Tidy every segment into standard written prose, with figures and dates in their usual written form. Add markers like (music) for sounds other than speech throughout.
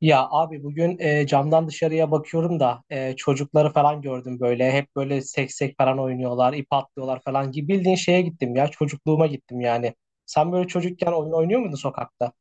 Ya abi bugün camdan dışarıya bakıyorum da çocukları falan gördüm böyle. Hep böyle seksek falan oynuyorlar, ip atlıyorlar falan gibi. Bildiğin şeye gittim ya, çocukluğuma gittim yani. Sen böyle çocukken oyun oynuyor muydun sokakta?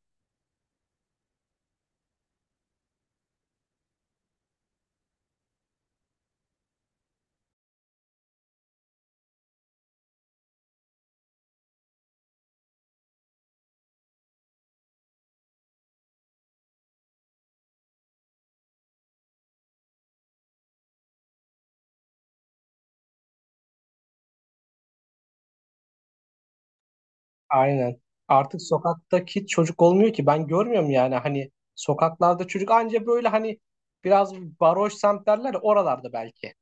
Aynen. Artık sokaktaki çocuk olmuyor ki. Ben görmüyorum yani hani sokaklarda çocuk anca böyle hani biraz baroş semt derler ya, oralarda belki.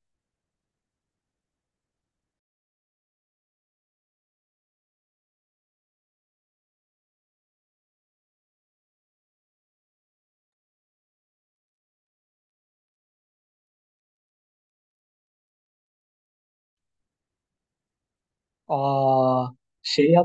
Aa, şey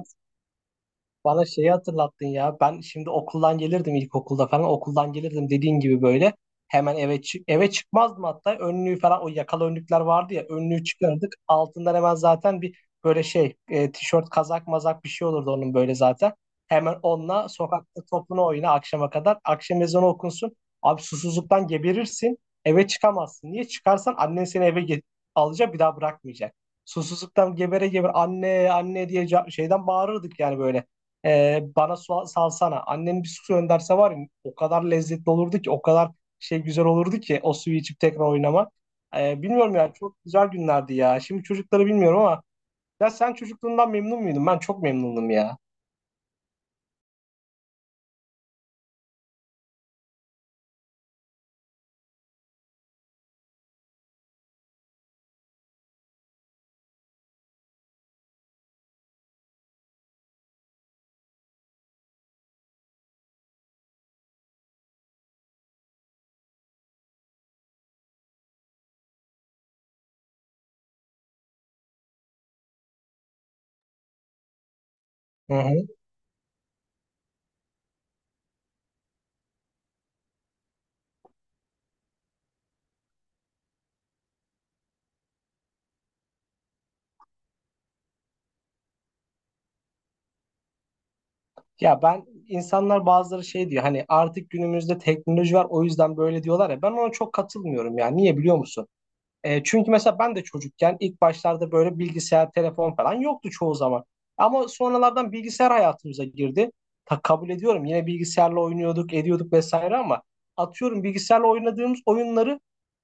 Bana şeyi hatırlattın ya. Ben şimdi okuldan gelirdim ilkokulda falan. Okuldan gelirdim dediğin gibi böyle. Hemen eve çıkmazdım hatta. Önlüğü falan o yakalı önlükler vardı ya. Önlüğü çıkardık. Altından hemen zaten bir böyle tişört kazak mazak bir şey olurdu onun böyle zaten. Hemen onunla sokakta topunu oyna akşama kadar. Akşam ezanı okunsun. Abi susuzluktan geberirsin. Eve çıkamazsın. Niye? Çıkarsan annen seni eve alacak bir daha bırakmayacak. Susuzluktan gebere gebere anne anne diye şeyden bağırırdık yani böyle. Bana su salsana. Annem bir su gönderse var ya o kadar lezzetli olurdu ki o kadar güzel olurdu ki o suyu içip tekrar oynamak. Bilmiyorum ya çok güzel günlerdi ya. Şimdi çocukları bilmiyorum ama ya sen çocukluğundan memnun muydun? Ben çok memnundum ya. Hı hı. Ya ben insanlar bazıları şey diyor hani artık günümüzde teknoloji var o yüzden böyle diyorlar ya ben ona çok katılmıyorum ya. Niye biliyor musun? Çünkü mesela ben de çocukken ilk başlarda böyle bilgisayar, telefon falan yoktu çoğu zaman. Ama sonralardan bilgisayar hayatımıza girdi. Kabul ediyorum yine bilgisayarla oynuyorduk, ediyorduk vesaire ama atıyorum bilgisayarla oynadığımız oyunları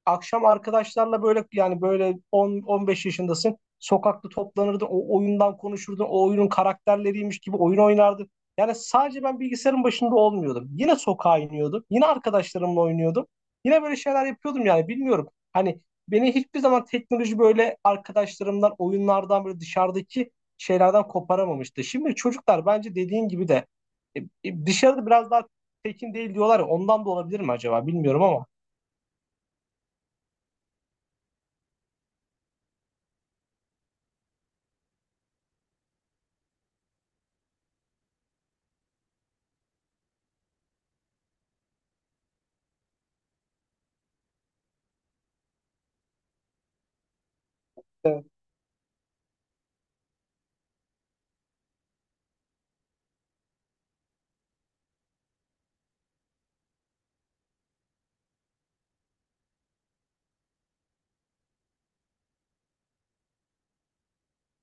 akşam arkadaşlarla böyle yani böyle 10-15 yaşındasın. Sokakta toplanırdın, o oyundan konuşurdun, o oyunun karakterleriymiş gibi oyun oynardın. Yani sadece ben bilgisayarın başında olmuyordum. Yine sokağa iniyordum, yine arkadaşlarımla oynuyordum. Yine böyle şeyler yapıyordum yani bilmiyorum. Hani beni hiçbir zaman teknoloji böyle arkadaşlarımdan, oyunlardan böyle dışarıdaki şeylerden koparamamıştı. Şimdi çocuklar bence dediğin gibi de dışarıda biraz daha tekin değil diyorlar ya ondan da olabilir mi acaba bilmiyorum ama. Evet.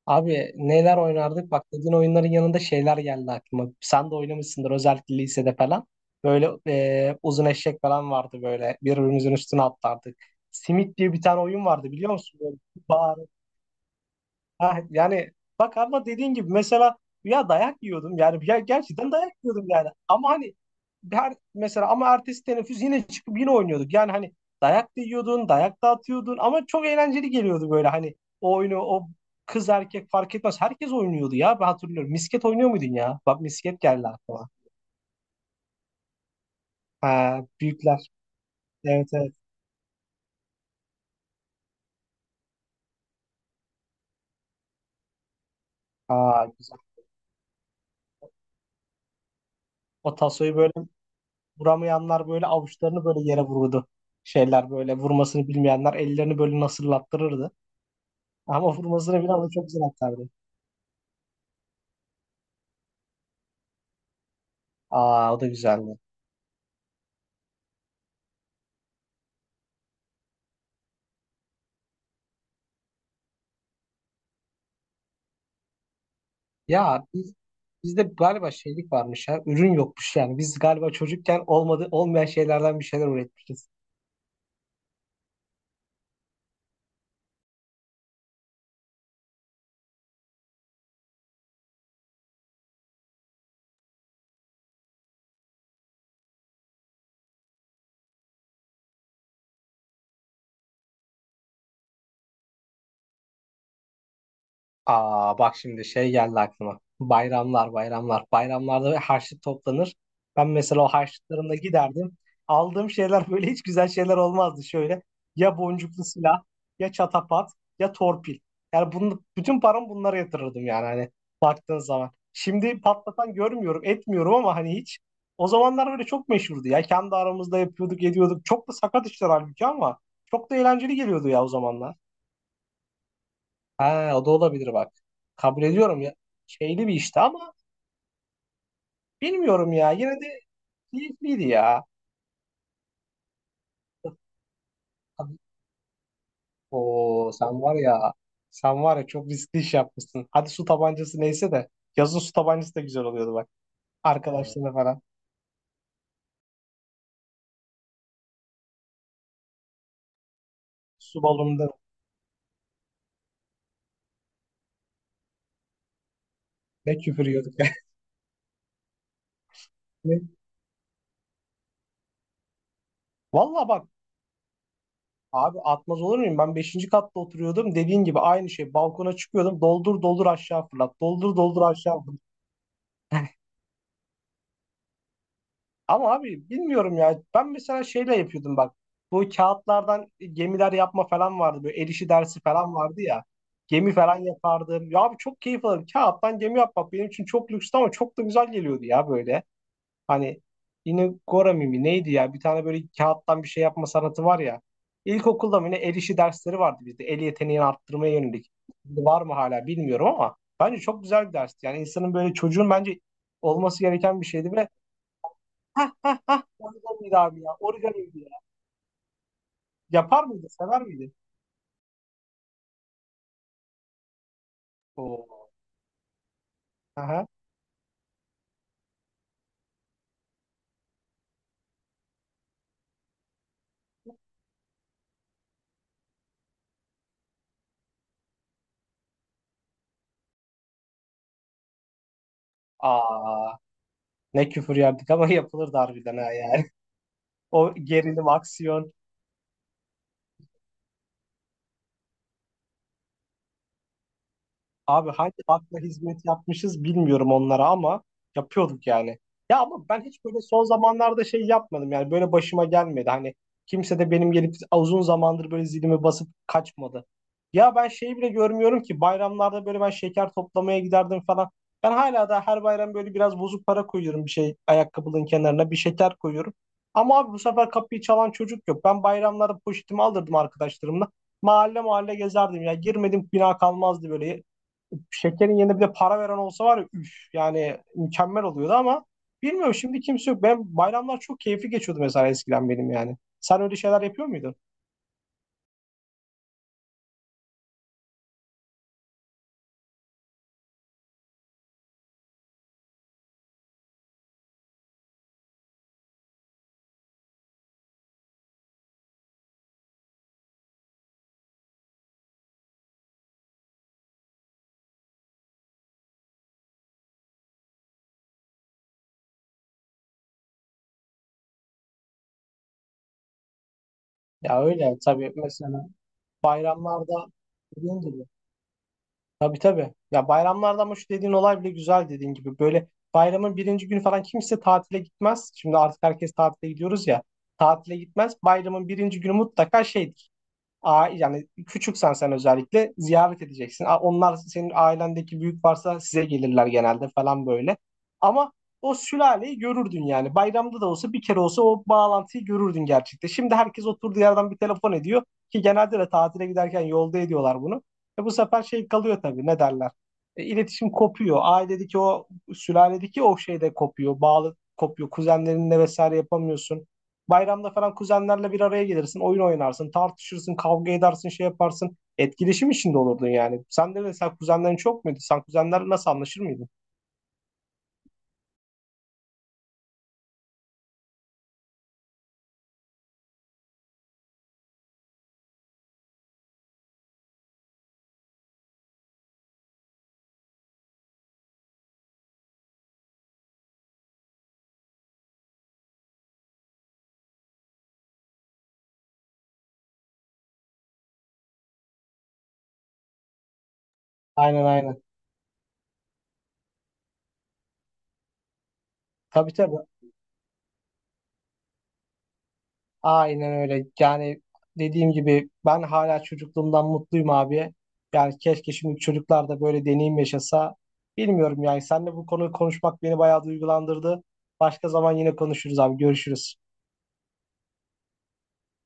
Abi neler oynardık bak dediğin oyunların yanında şeyler geldi aklıma. Sen de oynamışsındır özellikle lisede falan. Böyle uzun eşek falan vardı böyle birbirimizin üstüne atlardık. Simit diye bir tane oyun vardı biliyor musun? Böyle ha, yani bak ama dediğin gibi mesela ya dayak yiyordum yani ya gerçekten dayak yiyordum yani ama hani her mesela ama ertesi teneffüs yine çıkıp yine oynuyorduk yani hani dayak da yiyordun dayak da atıyordun ama çok eğlenceli geliyordu böyle hani o oyunu o kız erkek fark etmez herkes oynuyordu ya ben hatırlıyorum misket oynuyor muydun ya bak misket geldi aklıma ha, büyükler evet evet Aa, güzel o tasoyu böyle vuramayanlar böyle avuçlarını böyle yere vururdu. Şeyler böyle vurmasını bilmeyenler ellerini böyle nasırlattırırdı. Ama vurmasını bilen onu çok güzel atardı. Aa o da güzeldi. Ya bizde galiba şeylik varmış ya. Ürün yokmuş yani. Biz galiba çocukken olmadı olmayan şeylerden bir şeyler üretmişiz. Aa bak şimdi şey geldi aklıma. Bayramlar, bayramlar. Bayramlarda harçlık toplanır. Ben mesela o harçlıklarımla giderdim. Aldığım şeyler böyle hiç güzel şeyler olmazdı şöyle. Ya boncuklu silah, ya çatapat, ya torpil. Yani bunu, bütün paramı bunlara yatırırdım yani hani baktığın zaman. Şimdi patlatan görmüyorum, etmiyorum ama hani hiç. O zamanlar böyle çok meşhurdu ya. Kendi aramızda yapıyorduk, ediyorduk. Çok da sakat işler halbuki ama çok da eğlenceli geliyordu ya o zamanlar. Ha, o da olabilir bak. Kabul ediyorum ya. Şeyli bir işti ama bilmiyorum ya. Yine de keyifliydi ya. Hadi- Oo sen var ya. Sen var ya çok riskli iş yapmışsın. Hadi su tabancası neyse de. Yazın su tabancası da güzel oluyordu bak. Evet. Arkadaşlarına falan. Su balonunda ne küfür yiyorduk yani. Valla (laughs) bak abi atmaz olur muyum? Ben 5. katta oturuyordum. Dediğin gibi aynı şey. Balkona çıkıyordum. Doldur doldur aşağı fırlat. Doldur doldur aşağı fırlat. (laughs) Ama abi bilmiyorum ya. Ben mesela şeyle yapıyordum bak. Bu kağıtlardan gemiler yapma falan vardı. Böyle el işi dersi falan vardı ya. Gemi falan yapardım. Ya abi çok keyif alırım. Kağıttan gemi yapmak benim için çok lükstü ama çok da güzel geliyordu ya böyle. Hani yine Gora mimi neydi ya? Bir tane böyle kağıttan bir şey yapma sanatı var ya. İlkokulda mı ne el işi dersleri vardı bizde. El yeteneğini arttırmaya yönelik. Şimdi var mı hala bilmiyorum ama bence çok güzel bir dersti. Yani insanın böyle çocuğun bence olması gereken bir şeydi ve (laughs) Hah hah hah. Origamiydi abi ya. Origamiydi ya. Yapar mıydı? Sever miydi? Oo. Aha. Aa. Ne küfür yerdik ama (laughs) yapılırdı harbiden ha yani. (laughs) O gerilim, aksiyon. Abi hangi akla hizmet yapmışız bilmiyorum onlara ama yapıyorduk yani. Ya ama ben hiç böyle son zamanlarda şey yapmadım yani böyle başıma gelmedi. Hani kimse de benim gelip uzun zamandır böyle zilimi basıp kaçmadı. Ya ben şeyi bile görmüyorum ki bayramlarda böyle ben şeker toplamaya giderdim falan. Ben hala da her bayram böyle biraz bozuk para koyuyorum bir şey ayakkabının kenarına bir şeker koyuyorum. Ama abi bu sefer kapıyı çalan çocuk yok. Ben bayramlarda poşetimi alırdım arkadaşlarımla. Mahalle mahalle gezerdim ya. Girmedim bina kalmazdı böyle şekerin yerine bir de para veren olsa var ya üf yani mükemmel oluyordu ama bilmiyorum şimdi kimse yok. Ben bayramlar çok keyifli geçiyordu mesela eskiden benim yani. Sen öyle şeyler yapıyor muydun? Ya öyle tabii mesela bayramlarda dediğin gibi. Tabii tabii. Ya bayramlarda ama şu dediğin olay bile güzel dediğin gibi. Böyle bayramın birinci günü falan kimse tatile gitmez. Şimdi artık herkes tatile gidiyoruz ya. Tatile gitmez. Bayramın birinci günü mutlaka şeydir. Yani küçüksen sen özellikle ziyaret edeceksin. Onlar senin ailendeki büyük varsa size gelirler genelde falan böyle. Ama o sülaleyi görürdün yani. Bayramda da olsa bir kere olsa o bağlantıyı görürdün gerçekten. Şimdi herkes oturduğu yerden bir telefon ediyor ki genelde de tatile giderken yolda ediyorlar bunu. Bu sefer şey kalıyor tabii ne derler. E, iletişim kopuyor. Ailedeki o sülaledeki o şey de kopuyor. Bağlı kopuyor. Kuzenlerinle vesaire yapamıyorsun. Bayramda falan kuzenlerle bir araya gelirsin, oyun oynarsın, tartışırsın, kavga edersin, şey yaparsın. Etkileşim içinde olurdun yani. Sen de mesela kuzenlerin çok muydu? Sen kuzenlerle nasıl anlaşır mıydın? Aynen aynen. Tabii tabii. Aynen öyle. Yani dediğim gibi ben hala çocukluğumdan mutluyum abi. Yani keşke şimdi çocuklar da böyle deneyim yaşasa. Bilmiyorum yani seninle bu konuyu konuşmak beni bayağı duygulandırdı. Başka zaman yine konuşuruz abi. Görüşürüz.